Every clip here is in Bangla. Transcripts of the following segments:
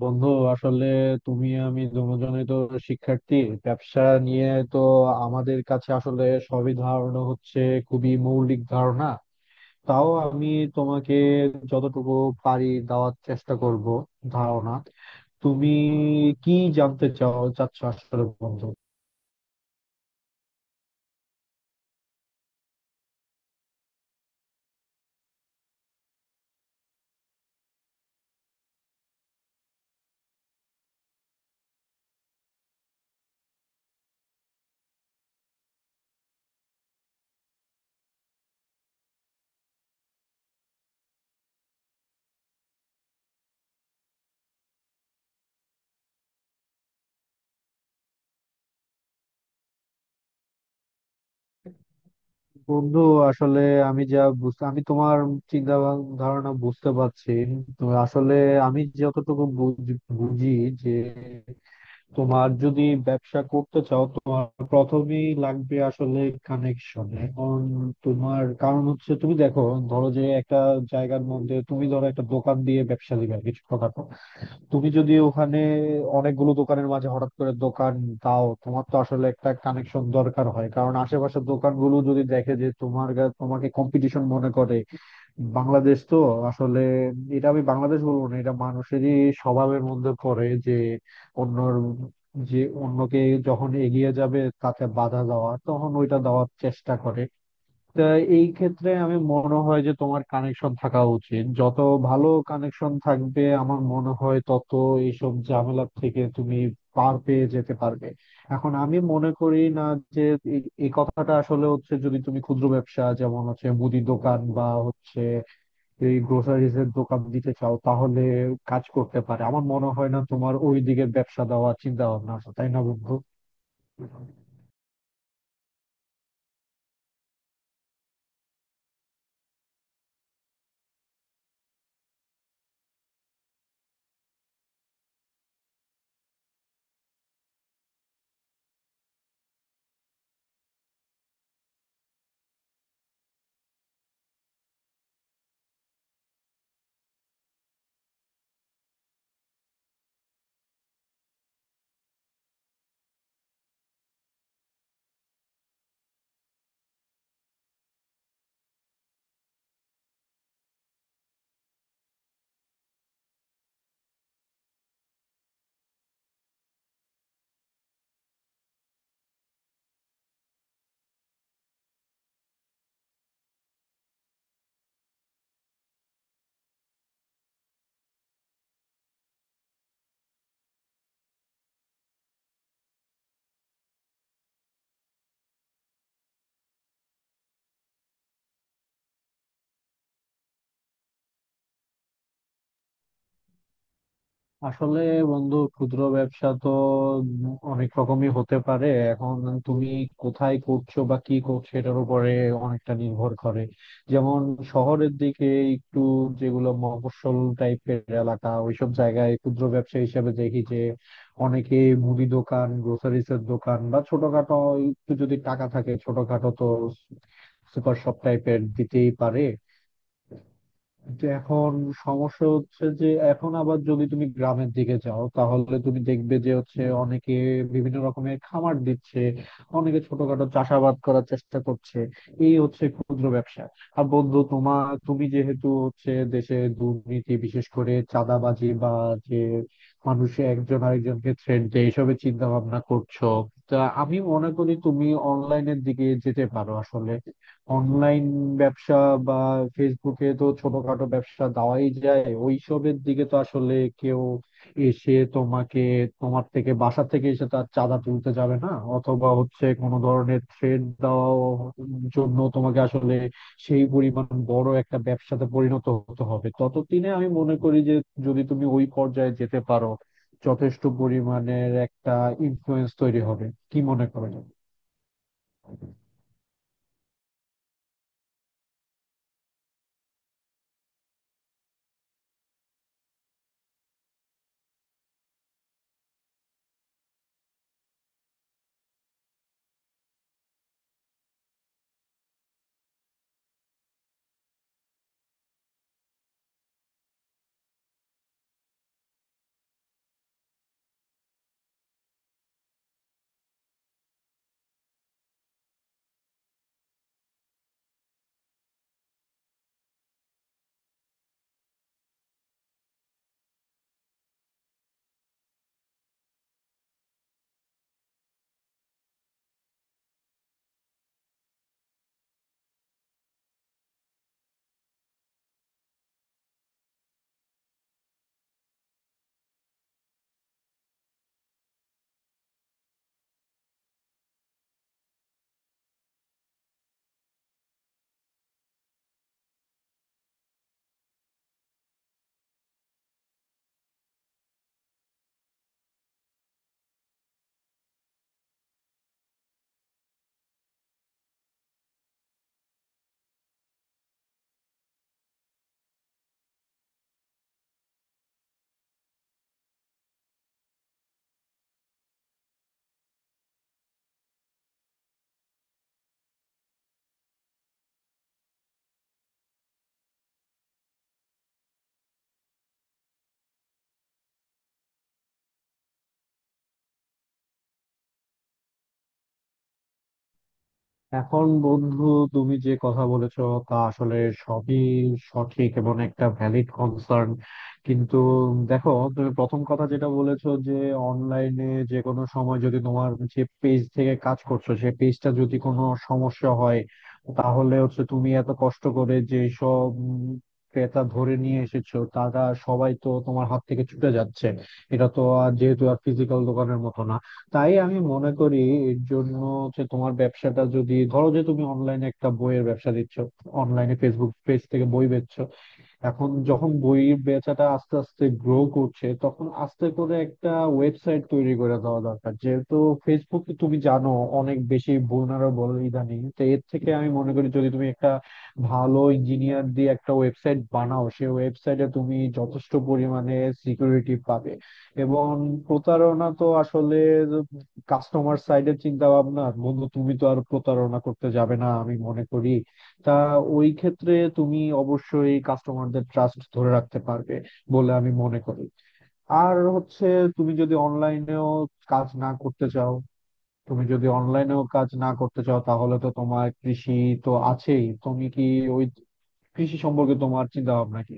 বন্ধু, আসলে তুমি আমি দুজনেই তো শিক্ষার্থী। ব্যবসা নিয়ে তো আমাদের কাছে আসলে সবই ধারণা হচ্ছে খুবই মৌলিক ধারণা। তাও আমি তোমাকে যতটুকু পারি দেওয়ার চেষ্টা করব। ধারণা তুমি কি জানতে চাও চাচ্ছ আসলে বন্ধু? বন্ধু, আসলে আমি যা বুঝতে, আমি তোমার ধারণা বুঝতে পারছি। তো আসলে আমি যতটুকু বুঝি যে, তোমার যদি ব্যবসা করতে চাও, তোমার প্রথমেই লাগবে আসলে কানেকশন। এখন তোমার কারণ হচ্ছে, তুমি দেখো, ধরো যে একটা জায়গার মধ্যে তুমি ধরো একটা দোকান দিয়ে ব্যবসা দিবে কিছু কথা। তুমি যদি ওখানে অনেকগুলো দোকানের মাঝে হঠাৎ করে দোকান দাও, তোমার তো আসলে একটা কানেকশন দরকার হয়, কারণ আশেপাশের দোকানগুলো যদি দেখে যে তোমার তোমাকে কম্পিটিশন মনে করে। বাংলাদেশ তো আসলে, এটা আমি বাংলাদেশ বলবো না, এটা মানুষেরই স্বভাবের মধ্যে পড়ে যে অন্যর, যে অন্যকে যখন এগিয়ে যাবে তাকে বাধা দেওয়া, তখন ওইটা দেওয়ার চেষ্টা করে। তা এই ক্ষেত্রে আমি মনে হয় যে তোমার কানেকশন থাকা উচিত, যত ভালো কানেকশন থাকবে আমার মনে হয় তত এইসব ঝামেলা থেকে তুমি পার পেয়ে যেতে পারবে। এখন আমি মনে করি না যে, এই এই কথাটা আসলে হচ্ছে, যদি তুমি ক্ষুদ্র ব্যবসা যেমন হচ্ছে মুদি দোকান বা হচ্ছে এই গ্রোসারিজ এর দোকান দিতে চাও, তাহলে কাজ করতে পারে। আমার মনে হয় না তোমার ওই দিকে ব্যবসা দেওয়ার চিন্তা ভাবনা আছে, তাই না বন্ধু? আসলে বন্ধু, ক্ষুদ্র ব্যবসা তো অনেক রকমই হতে পারে। এখন তুমি কোথায় করছো বা কি করছো, এটার উপরে অনেকটা নির্ভর করে। যেমন শহরের দিকে, একটু যেগুলো মফস্বল টাইপের এলাকা, ওইসব জায়গায় ক্ষুদ্র ব্যবসা হিসেবে দেখি যে, অনেকে মুদি দোকান, গ্রোসারিস এর দোকান বা ছোটখাটো, একটু যদি টাকা থাকে ছোটখাটো তো সুপার শপ টাইপের দিতেই পারে। যে এখন সমস্যা হচ্ছে যে, এখন আবার যদি তুমি গ্রামের দিকে যাও, তাহলে তুমি দেখবে যে হচ্ছে অনেকে বিভিন্ন রকমের খামার দিচ্ছে, অনেকে ছোটখাটো চাষাবাদ করার চেষ্টা করছে। এই হচ্ছে ক্ষুদ্র ব্যবসা। আর বন্ধু, তোমার তুমি যেহেতু হচ্ছে দেশে দুর্নীতি, বিশেষ করে চাঁদাবাজি বা যে মানুষে একজন আরেকজনকে থ্রেট দেয়, এসবের চিন্তা ভাবনা করছো, তা আমি মনে করি তুমি অনলাইনের দিকে যেতে পারো। আসলে অনলাইন ব্যবসা বা ফেসবুকে তো ছোটখাটো ব্যবসা দেওয়াই যায়। ওইসবের দিকে তো আসলে কেউ এসে তোমাকে, তোমার থেকে বাসা থেকে এসে তার চাঁদা তুলতে যাবে না। অথবা হচ্ছে কোনো ধরনের থ্রেড দেওয়ার জন্য তোমাকে আসলে সেই পরিমাণ বড় একটা ব্যবসাতে পরিণত হতে হবে। ততদিনে আমি মনে করি যে, যদি তুমি ওই পর্যায়ে যেতে পারো, যথেষ্ট পরিমাণের একটা ইনফ্লুয়েন্স তৈরি হবে। কি মনে করেন? এখন বন্ধু, তুমি যে কথা বলেছো তা আসলে সবই সঠিক এবং একটা ভ্যালিড কনসার্ন। কিন্তু দেখো, তুমি প্রথম কথা যেটা বলেছো যে, অনলাইনে যে কোনো সময় যদি তোমার যে পেজ থেকে কাজ করছো সেই পেজটা যদি কোনো সমস্যা হয়, তাহলে হচ্ছে তুমি এত কষ্ট করে যে সব ক্রেতা ধরে নিয়ে এসেছো তারা সবাই তো তোমার হাত থেকে ছুটে যাচ্ছে। এটা তো আর যেহেতু আর ফিজিক্যাল দোকানের মতো না, তাই আমি মনে করি এর জন্য যে, তোমার ব্যবসাটা যদি ধরো যে তুমি অনলাইনে একটা বইয়ের ব্যবসা দিচ্ছ, অনলাইনে ফেসবুক পেজ থেকে বই বেচছো, এখন যখন বইয়ের বেচাটা আস্তে আস্তে গ্রো করছে, তখন আস্তে করে একটা ওয়েবসাইট তৈরি করে দেওয়া দরকার, যেহেতু ফেসবুক তুমি জানো অনেক বেশি vulnerable ইদানিং। তো এর থেকে আমি মনে করি যদি তুমি একটা ভালো ইঞ্জিনিয়ার দিয়ে একটা ওয়েবসাইট বানাও, সেই ওয়েবসাইটে তুমি যথেষ্ট পরিমাণে সিকিউরিটি পাবে। এবং প্রতারণা তো আসলে কাস্টমার সাইডের চিন্তা ভাবনা বন্ধু, তুমি তো আর প্রতারণা করতে যাবে না আমি মনে করি। তা ওই ক্ষেত্রে তুমি অবশ্যই কাস্টমারদের ট্রাস্ট ধরে রাখতে পারবে বলে আমি মনে করি। আর হচ্ছে, তুমি যদি অনলাইনেও কাজ না করতে চাও তুমি যদি অনলাইনেও কাজ না করতে চাও, তাহলে তো তোমার কৃষি তো আছেই। তুমি কি ওই কৃষি সম্পর্কে, তোমার চিন্তা ভাবনা কি?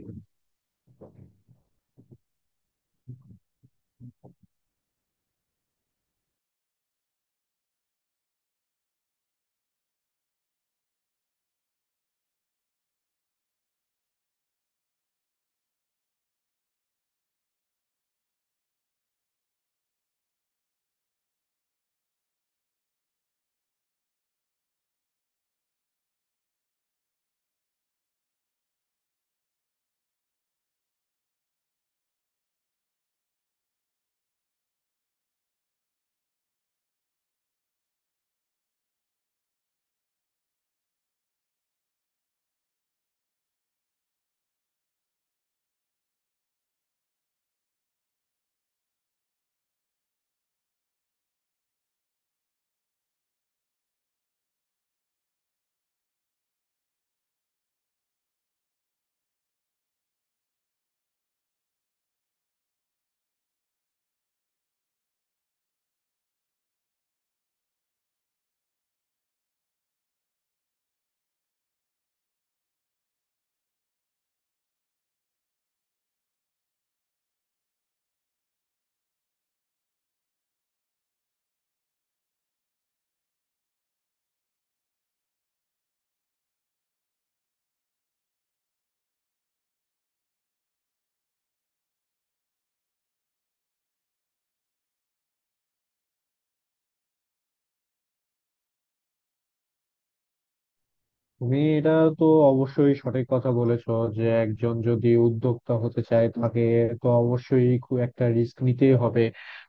তুমি এটা তো অবশ্যই সঠিক কথা বলেছো যে, একজন যদি উদ্যোক্তা হতে চায় তাকে তো অবশ্যই খুব একটা রিস্ক নিতেই হবে।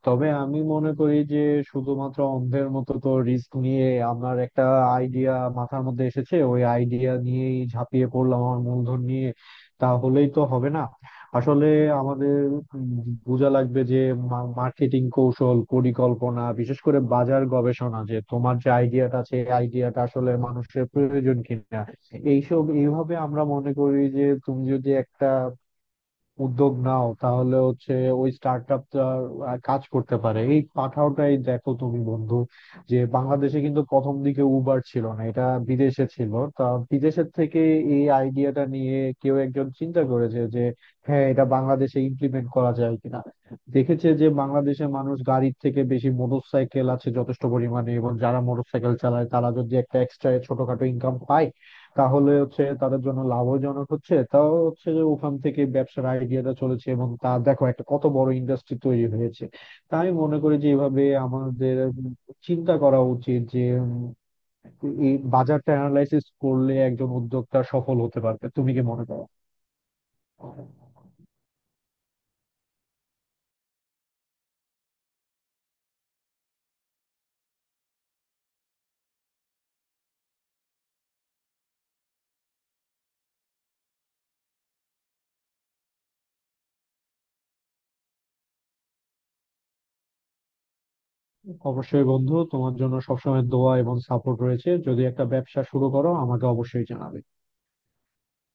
তবে আমি মনে করি যে, শুধুমাত্র অন্ধের মতো তো রিস্ক নিয়ে, আমার একটা আইডিয়া মাথার মধ্যে এসেছে, ওই আইডিয়া নিয়েই ঝাঁপিয়ে পড়লাম আমার মূলধন নিয়ে, তাহলেই তো হবে না। আসলে আমাদের বোঝা লাগবে যে মার্কেটিং কৌশল, পরিকল্পনা, বিশেষ করে বাজার গবেষণা, যে তোমার যে আইডিয়াটা আছে আইডিয়াটা আসলে মানুষের প্রয়োজন কিনা। এইসব এইভাবে আমরা মনে করি যে তুমি যদি একটা উদ্যোগ নাও, তাহলে হচ্ছে ওই স্টার্ট আপটা কাজ করতে পারে। এই পাঠাওটাই দেখো তুমি বন্ধু, যে বাংলাদেশে কিন্তু প্রথম দিকে উবার ছিল না, এটা বিদেশে ছিল। তা বিদেশের থেকে এই আইডিয়াটা নিয়ে কেউ একজন চিন্তা করেছে যে, হ্যাঁ, এটা বাংলাদেশে ইমপ্লিমেন্ট করা যায় কিনা। দেখেছে যে বাংলাদেশের মানুষ গাড়ির থেকে বেশি মোটর সাইকেল আছে যথেষ্ট পরিমাণে, এবং যারা মোটর সাইকেল চালায় তারা যদি একটা এক্সট্রা ছোটখাটো ইনকাম পায়, তাহলে হচ্ছে তাদের জন্য লাভজনক হচ্ছে। তাও হচ্ছে যে, ওখান থেকে ব্যবসার আইডিয়াটা চলেছে এবং তা দেখো একটা কত বড় ইন্ডাস্ট্রি তৈরি হয়েছে। তাই আমি মনে করি যে এভাবে আমাদের চিন্তা করা উচিত যে, এই বাজারটা অ্যানালাইসিস করলে একজন উদ্যোক্তা সফল হতে পারবে। তুমি কি মনে করো? অবশ্যই বন্ধু, তোমার জন্য সবসময় দোয়া এবং সাপোর্ট রয়েছে। যদি একটা ব্যবসা শুরু করো আমাকে অবশ্যই জানাবে।